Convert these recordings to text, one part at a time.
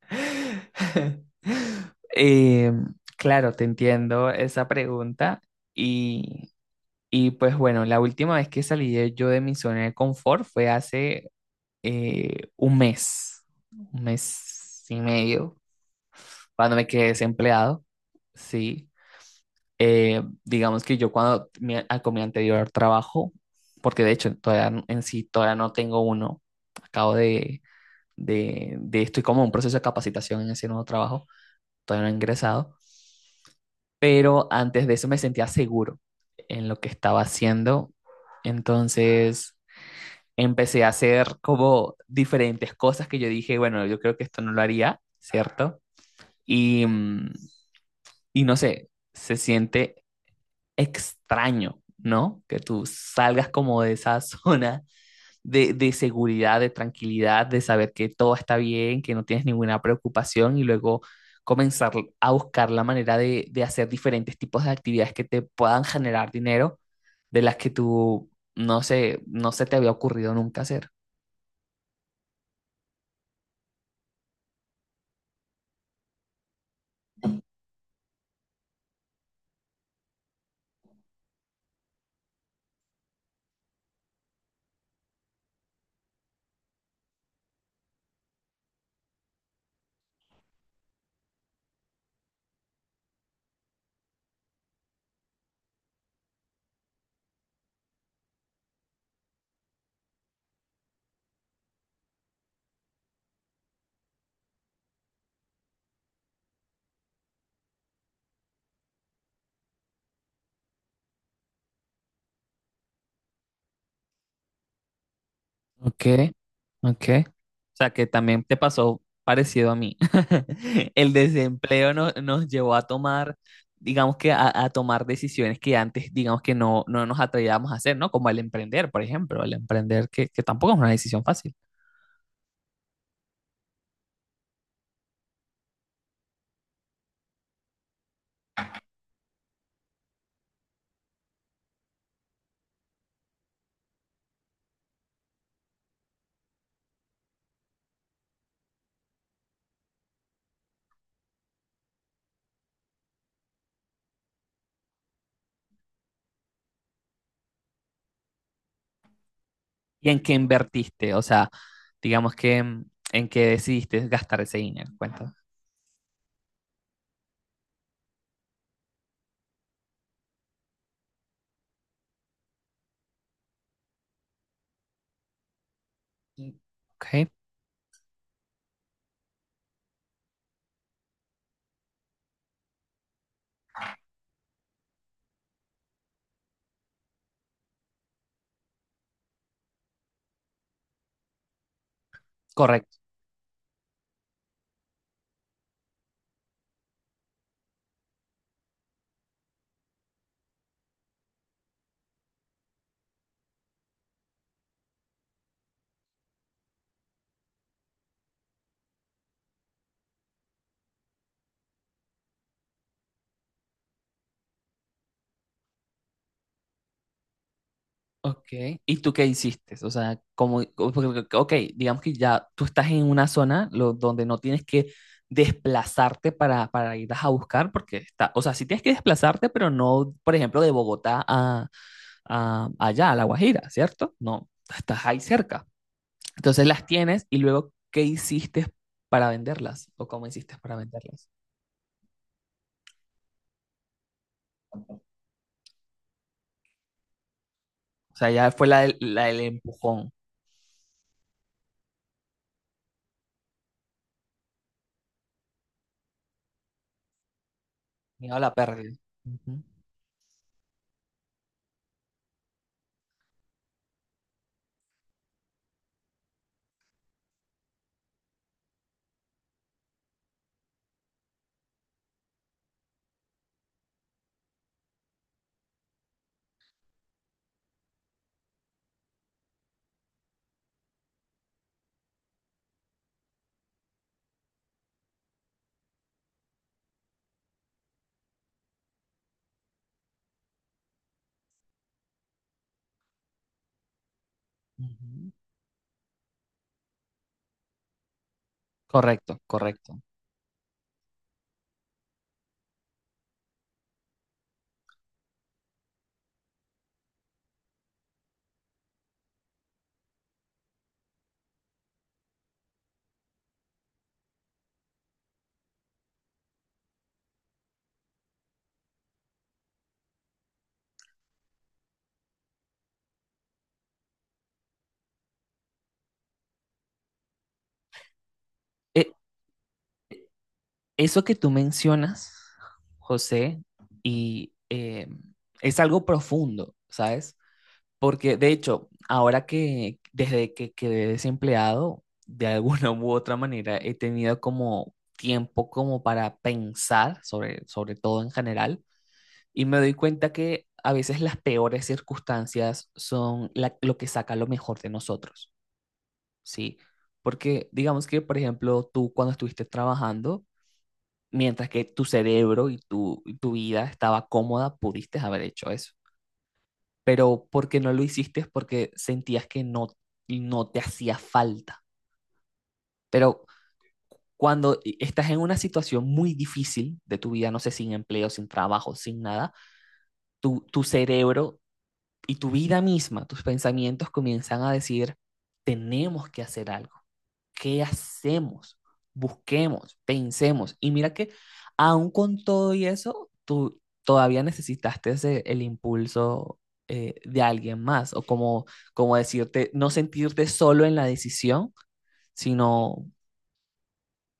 Eh, claro, te entiendo esa pregunta. Y, y, pues bueno, la última vez que salí yo de mi zona de confort fue hace eh, un mes, un mes y medio, cuando me quedé desempleado. Sí. Digamos que yo con mi anterior trabajo, porque de hecho todavía en sí todavía no tengo uno, acabo de estoy como en un proceso de capacitación en ese nuevo trabajo, todavía no he ingresado, pero antes de eso me sentía seguro en lo que estaba haciendo. Entonces empecé a hacer como diferentes cosas que yo dije, bueno, yo creo que esto no lo haría, ¿cierto? Y, mm, y no sé, se siente extraño, ¿no? Que tú salgas como de esa zona de seguridad, de tranquilidad, de saber que todo está bien, que no tienes ninguna preocupación y luego comenzar a buscar la manera de hacer diferentes tipos de actividades que te puedan generar dinero de las que tú, no sé, no se te había ocurrido nunca hacer. Ok, ok. O sea que también te pasó parecido a mí. El desempleo nos llevó a tomar, digamos que a tomar decisiones que antes, digamos que no, no nos atrevíamos a hacer, ¿no? Como el emprender, por ejemplo, el emprender que tampoco es una decisión fácil. ¿Y en qué invertiste? O sea, digamos que en qué decidiste gastar ese dinero, cuenta. Ok, correcto. Ok, ¿y tú qué hiciste? O sea, como, porque, ok, digamos que ya tú estás en una zona donde no tienes que desplazarte para ir a buscar, porque está, o sea, sí tienes que desplazarte, pero no, por ejemplo, de Bogotá a, allá, a La Guajira, ¿cierto? No, estás ahí cerca. Entonces las tienes y luego, ¿qué hiciste para venderlas? ¿O cómo hiciste para venderlas? O sea, ya fue la del empujón, miedo a la pérdida. Ujú, ujú. Correcto, correcto. Eh, Eso que tú mencionas, José, y es algo profundo, ¿sabes? Porque de hecho, ahora que desde que quedé desempleado, de alguna u otra manera he tenido como tiempo como para pensar sobre todo en general y me doy cuenta que a veces las peores circunstancias son lo que saca lo mejor de nosotros, ¿sí? Porque digamos que, por ejemplo, tú cuando estuviste trabajando, mientras que tu cerebro y tu vida estaba cómoda, pudiste haber hecho eso. Pero porque no lo hiciste es porque sentías que no, no te hacía falta. Pero cuando estás en una situación muy difícil de tu vida, no sé, sin empleo, sin trabajo, sin nada, tu cerebro y tu vida misma, tus pensamientos comienzan a decir, tenemos que hacer algo. ¿Qué hacemos? Busquemos, pensemos. Y mira que aún con todo y eso, tú todavía necesitaste el impulso, de alguien más, o como, como decirte, no sentirte solo en la decisión, sino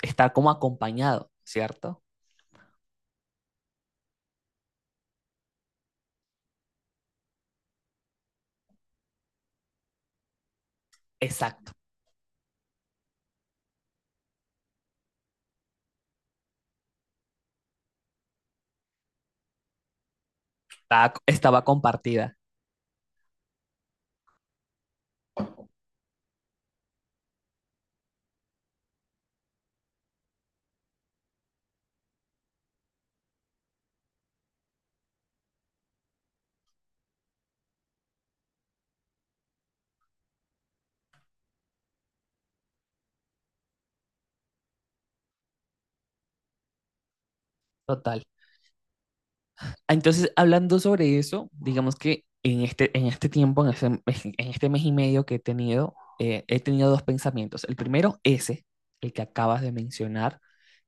estar como acompañado, ¿cierto? Exacto. Estaba compartida. Total. Entonces, hablando sobre eso, digamos que en este tiempo, en este mes y medio que he tenido dos pensamientos. El primero, ese, el que acabas de mencionar,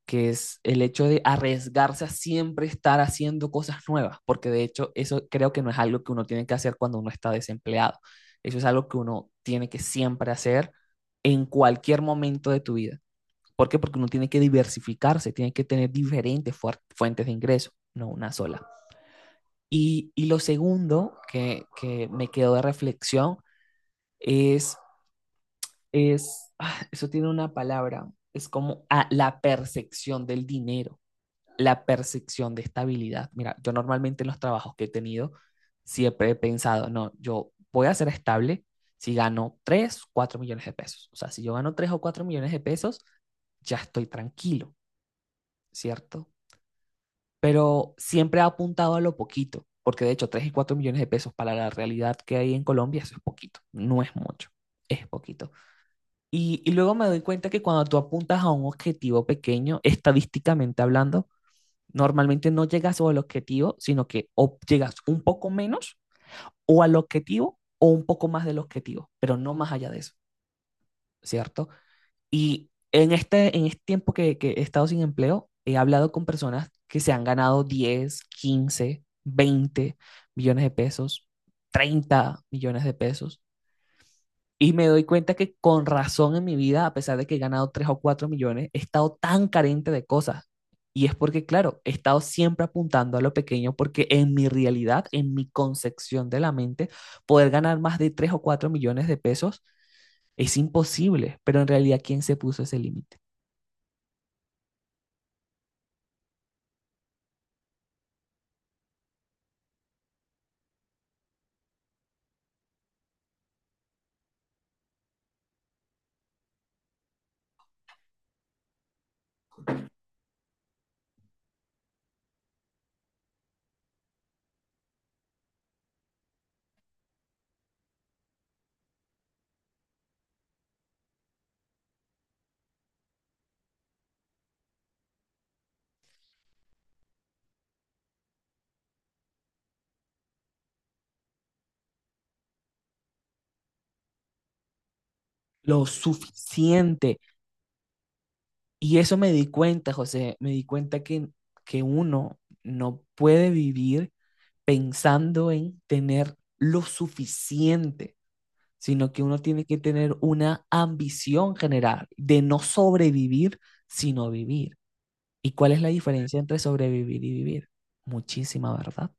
que es el hecho de arriesgarse a siempre estar haciendo cosas nuevas, porque de hecho eso creo que no es algo que uno tiene que hacer cuando uno está desempleado. Eso es algo que uno tiene que siempre hacer en cualquier momento de tu vida. ¿Por qué? Porque uno tiene que diversificarse, tiene que tener diferentes fuentes de ingreso, no una sola. Y lo segundo que me quedó de reflexión es, ah, eso tiene una palabra, es como ah, la percepción del dinero, la percepción de estabilidad. Mira, yo normalmente en los trabajos que he tenido siempre he pensado, no, yo voy a ser estable si gano 3 4 millones de pesos. O sea, si yo gano 3 o 4 millones de pesos, ya estoy tranquilo, ¿cierto? Pero siempre ha apuntado a lo poquito, porque de hecho 3 y 4 millones de pesos para la realidad que hay en Colombia, eso es poquito, no es mucho, es poquito. Y luego me doy cuenta que cuando tú apuntas a un objetivo pequeño, estadísticamente hablando, normalmente no llegas al objetivo, sino que o llegas un poco menos o al objetivo o un poco más del objetivo, pero no más allá de eso, ¿cierto? Y en este tiempo que he estado sin empleo, he hablado con personas que se han ganado 10 15 20 millones de pesos, 30 millones de pesos. Y me doy cuenta que con razón en mi vida, a pesar de que he ganado 3 o 4 millones, he estado tan carente de cosas. Y es porque, claro, he estado siempre apuntando a lo pequeño porque en mi realidad, en mi concepción de la mente, poder ganar más de 3 o 4 millones de pesos es imposible. Pero en realidad, ¿quién se puso ese límite? Lo suficiente. Y eso me di cuenta, José, me di cuenta que uno no puede vivir pensando en tener lo suficiente, sino que uno tiene que tener una ambición general de no sobrevivir, sino vivir. ¿Y cuál es la diferencia entre sobrevivir y vivir? Muchísima, ¿verdad?